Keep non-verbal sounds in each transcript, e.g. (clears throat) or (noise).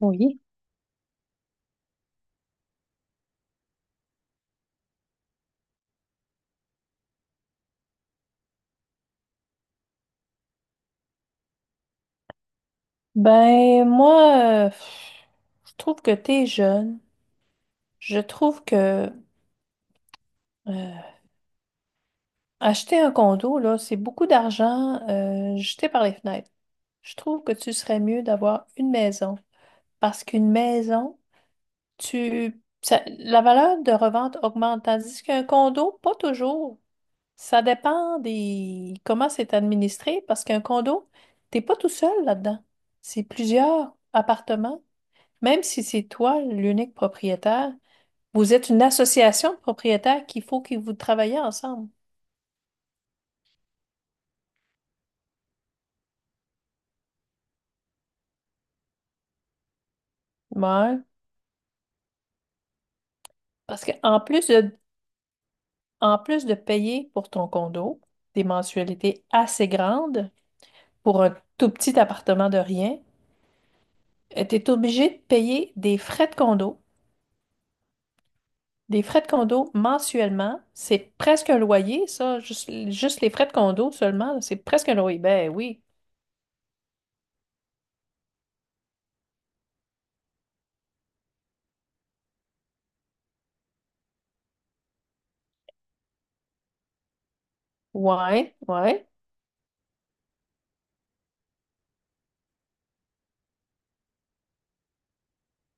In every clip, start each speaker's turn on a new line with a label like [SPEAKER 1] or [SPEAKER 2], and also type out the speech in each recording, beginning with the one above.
[SPEAKER 1] Oui. Ben, moi, je trouve que t'es jeune. Je trouve que euh, acheter un condo, là, c'est beaucoup d'argent jeté par les fenêtres. Je trouve que tu serais mieux d'avoir une maison. Parce qu'une maison, la valeur de revente augmente, tandis qu'un condo, pas toujours. Ça dépend des comment c'est administré, parce qu'un condo, t'es pas tout seul là-dedans. C'est plusieurs appartements. Même si c'est toi l'unique propriétaire, vous êtes une association de propriétaires qu'il faut que vous travaillez ensemble. Ouais. Parce qu'en plus de payer pour ton condo, des mensualités assez grandes pour un tout petit appartement de rien, tu es obligé de payer des frais de condo. Des frais de condo mensuellement, c'est presque un loyer, ça. Juste les frais de condo seulement, là, c'est presque un loyer. Ben oui. Ouais, ouais.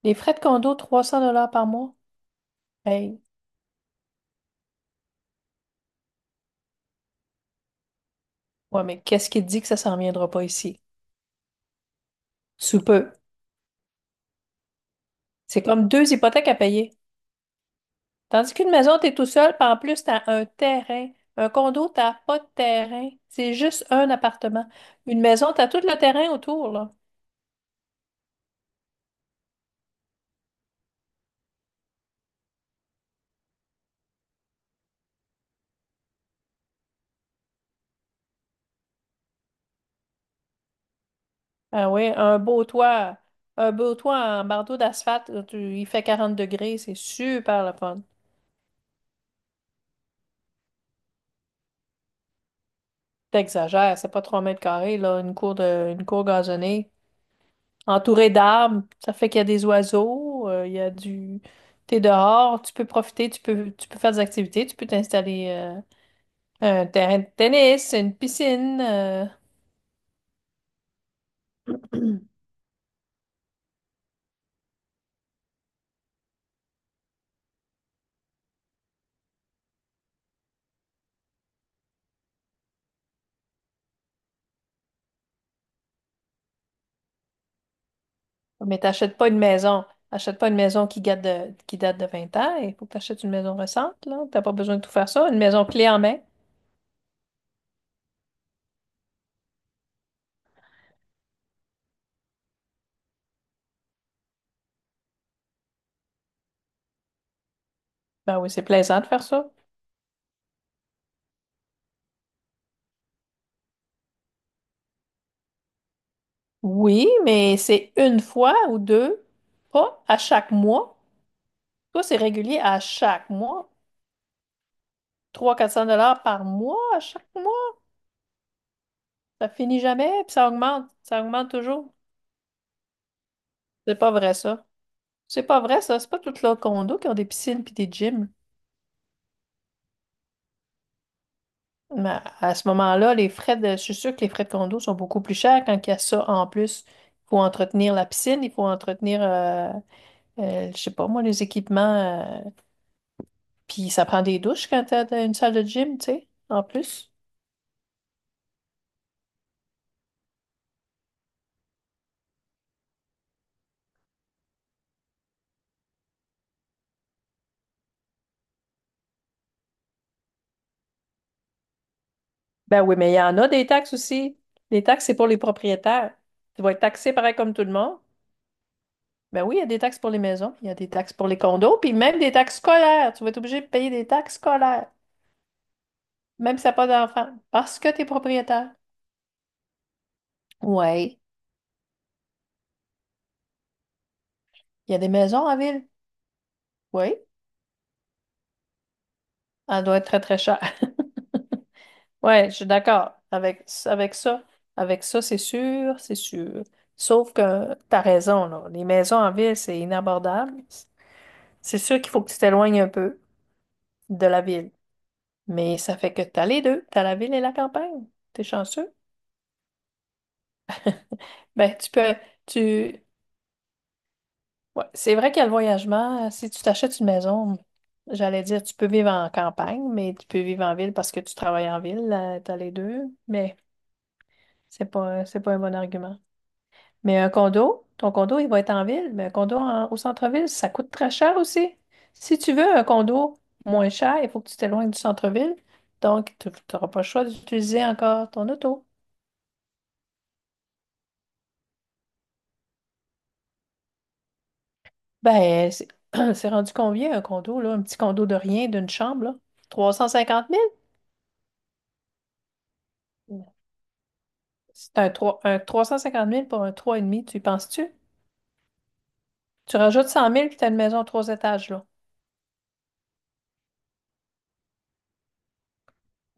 [SPEAKER 1] Les frais de condo, 300 $ par mois. Hey, ouais, mais qu'est-ce qui te dit que ça s'en viendra pas ici? Sous peu. C'est comme deux hypothèques à payer. Tandis qu'une maison, t'es tout seul, puis en plus, t'as un terrain. Un condo, t'as pas de terrain. C'est juste un appartement. Une maison, t'as tout le terrain autour, là. Ah oui, un beau toit. Un beau toit en bardeau d'asphalte, là, il fait 40 degrés, c'est super le fun. T'exagères, c'est pas 3 mètres carrés, là, une cour de, une cour gazonnée. Entouré d'arbres, ça fait qu'il y a des oiseaux, il y a du. T'es dehors, tu peux profiter, tu peux faire des activités, tu peux t'installer un terrain de tennis, une piscine, (clears throat) mais t'achètes pas une maison. Achète pas une maison qui date de 20 ans. Il faut que t'achètes une maison récente, là. T'as pas besoin de tout faire ça. Une maison clé en main. Ben oui, c'est plaisant de faire ça. Oui, mais c'est une fois ou deux, pas à chaque mois. Toi, c'est régulier à chaque mois. 300, 400 $ par mois, à chaque mois. Ça finit jamais, puis ça augmente. Ça augmente toujours. C'est pas vrai, ça. C'est pas vrai, ça. C'est pas toutes leurs condos qui ont des piscines puis des gyms. Mais à ce moment-là, les frais de, je suis sûre que les frais de condo sont beaucoup plus chers quand il y a ça en plus. Il faut entretenir la piscine, il faut entretenir, je sais pas moi, les équipements. euh, Puis ça prend des douches quand t'as une salle de gym, tu sais, en plus. Ben oui, mais il y en a des taxes aussi. Les taxes, c'est pour les propriétaires. Tu vas être taxé pareil comme tout le monde. Ben oui, il y a des taxes pour les maisons, il y a des taxes pour les condos, puis même des taxes scolaires. Tu vas être obligé de payer des taxes scolaires, même si t'as pas d'enfant, parce que tu es propriétaire. Oui, il y a des maisons en ville. Oui, elle doit être très, très chère. (laughs) Oui, je suis d'accord avec, avec ça. Avec ça, c'est sûr, c'est sûr. Sauf que tu as raison, là. Les maisons en ville, c'est inabordable. C'est sûr qu'il faut que tu t'éloignes un peu de la ville. Mais ça fait que tu as les deux. Tu as la ville et la campagne. T'es chanceux. Ben, tu peux, tu, ouais, c'est vrai qu'il y a le voyagement. Si tu t'achètes une maison, j'allais dire, tu peux vivre en campagne, mais tu peux vivre en ville parce que tu travailles en ville, là, t'as les deux. Mais c'est pas un bon argument. Mais un condo, ton condo, il va être en ville, mais au centre-ville, ça coûte très cher aussi. Si tu veux un condo moins cher, il faut que tu t'éloignes du centre-ville. Donc, tu n'auras pas le choix d'utiliser encore ton auto. Ben, c'est (clears throat) c'est rendu combien un condo, là? Un petit condo de rien, d'une chambre, là? 350 000. Un trois cent cinquante mille pour un trois et demi, tu y penses-tu? Tu rajoutes 100 000, puis t'as une maison à trois étages, là.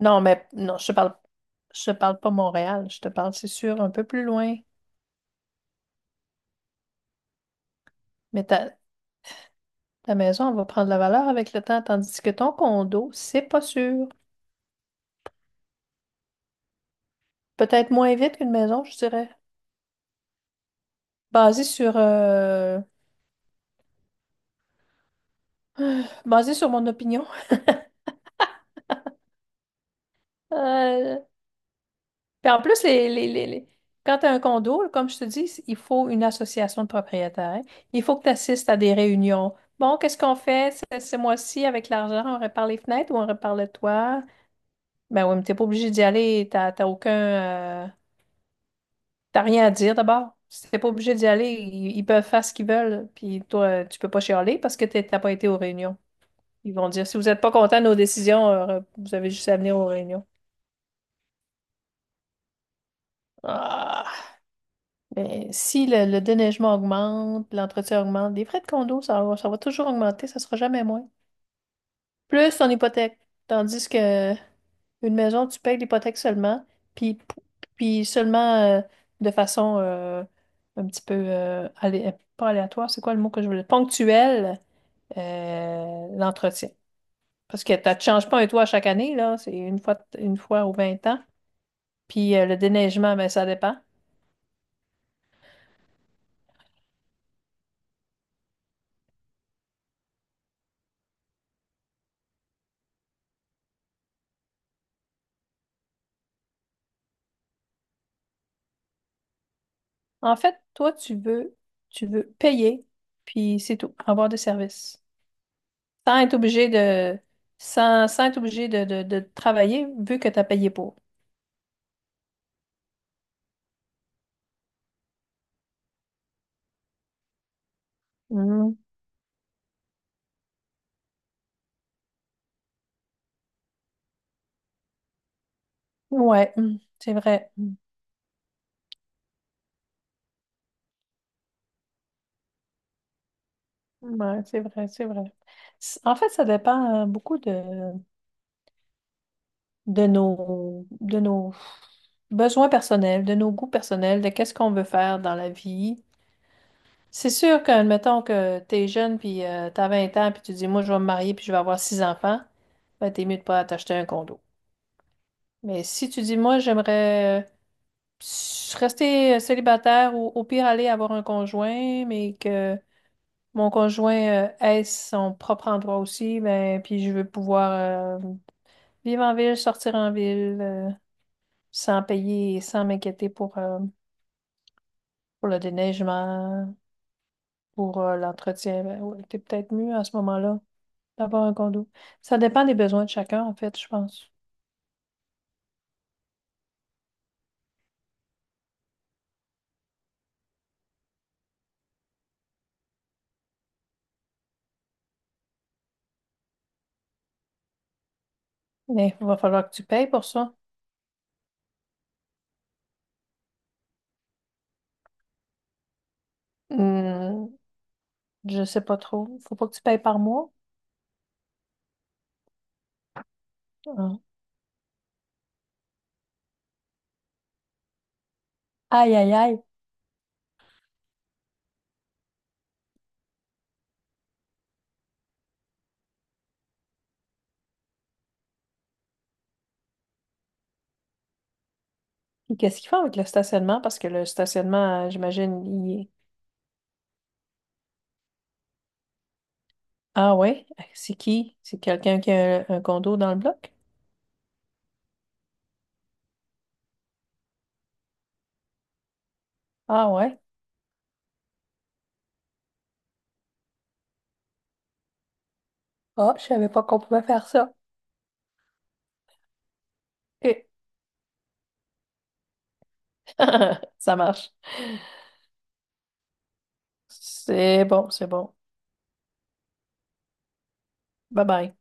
[SPEAKER 1] Non, mais non, je te parle pas Montréal. Je te parle, c'est sûr, un peu plus loin. Mais ta, ta maison, elle va prendre la valeur avec le temps, tandis que ton condo, c'est pas sûr. Peut-être moins vite qu'une maison, je dirais. Basé sur, euh, basé sur mon opinion. Euh, Puis en plus, quand tu as un condo, comme je te dis, il faut une association de propriétaires. Il faut que tu assistes à des réunions. Bon, qu'est-ce qu'on fait ce mois-ci avec l'argent? On répare les fenêtres ou on répare le toit? Ben oui, mais t'es pas obligé d'y aller. T'as aucun, euh, t'as rien à dire d'abord. Si t'es pas obligé d'y aller, ils peuvent faire ce qu'ils veulent. Puis toi, tu peux pas chialer parce que t'as pas été aux réunions. Ils vont dire, si vous n'êtes pas content de nos décisions, vous avez juste à venir aux réunions. Ah! Ben, si le déneigement augmente, l'entretien augmente, les frais de condo, ça, ça va toujours augmenter, ça sera jamais moins. Plus ton hypothèque. Tandis que une maison, tu payes l'hypothèque seulement, puis, puis seulement de façon un petit peu pas aléatoire, c'est quoi le mot que je voulais? Ponctuel, l'entretien. Parce que tu ne changes pas un toit chaque année, là, c'est une fois ou 20 ans. Puis le déneigement, ben, ça dépend. En fait, toi, tu veux, payer, puis c'est tout, avoir des services. Sans être obligé de, sans être obligé de travailler, vu que tu as payé pour. Mm. Ouais, c'est vrai. Mm. Ouais, c'est vrai, c'est vrai. En fait, ça dépend beaucoup de, de nos besoins personnels, de nos goûts personnels, de qu'est-ce qu'on veut faire dans la vie. C'est sûr que, admettons que t'es jeune, puis t'as 20 ans, puis tu dis, moi, je vais me marier, puis je vais avoir six enfants, ben, t'es mieux de pas t'acheter un condo. Mais si tu dis, moi, j'aimerais rester célibataire ou au pire aller avoir un conjoint, mais que mon conjoint ait son propre endroit aussi, ben, puis je veux pouvoir vivre en ville, sortir en ville. Sans payer, sans m'inquiéter pour le déneigement, pour l'entretien. Ben ouais, t'es peut-être mieux à ce moment-là d'avoir un condo. Ça dépend des besoins de chacun, en fait, je pense. Mais il va falloir que tu payes pour ça. Hmm, je sais pas trop. Faut pas que tu payes par mois. Hein. Aïe, aïe, aïe. Et qu'est-ce qu'ils font avec le stationnement? Parce que le stationnement, j'imagine, il est. Ah ouais? C'est qui? C'est quelqu'un qui a un condo dans le bloc? Ah ouais? Ah, je savais pas qu'on pouvait faire ça. Ok. (laughs) Ça marche. C'est bon, c'est bon. Bye bye.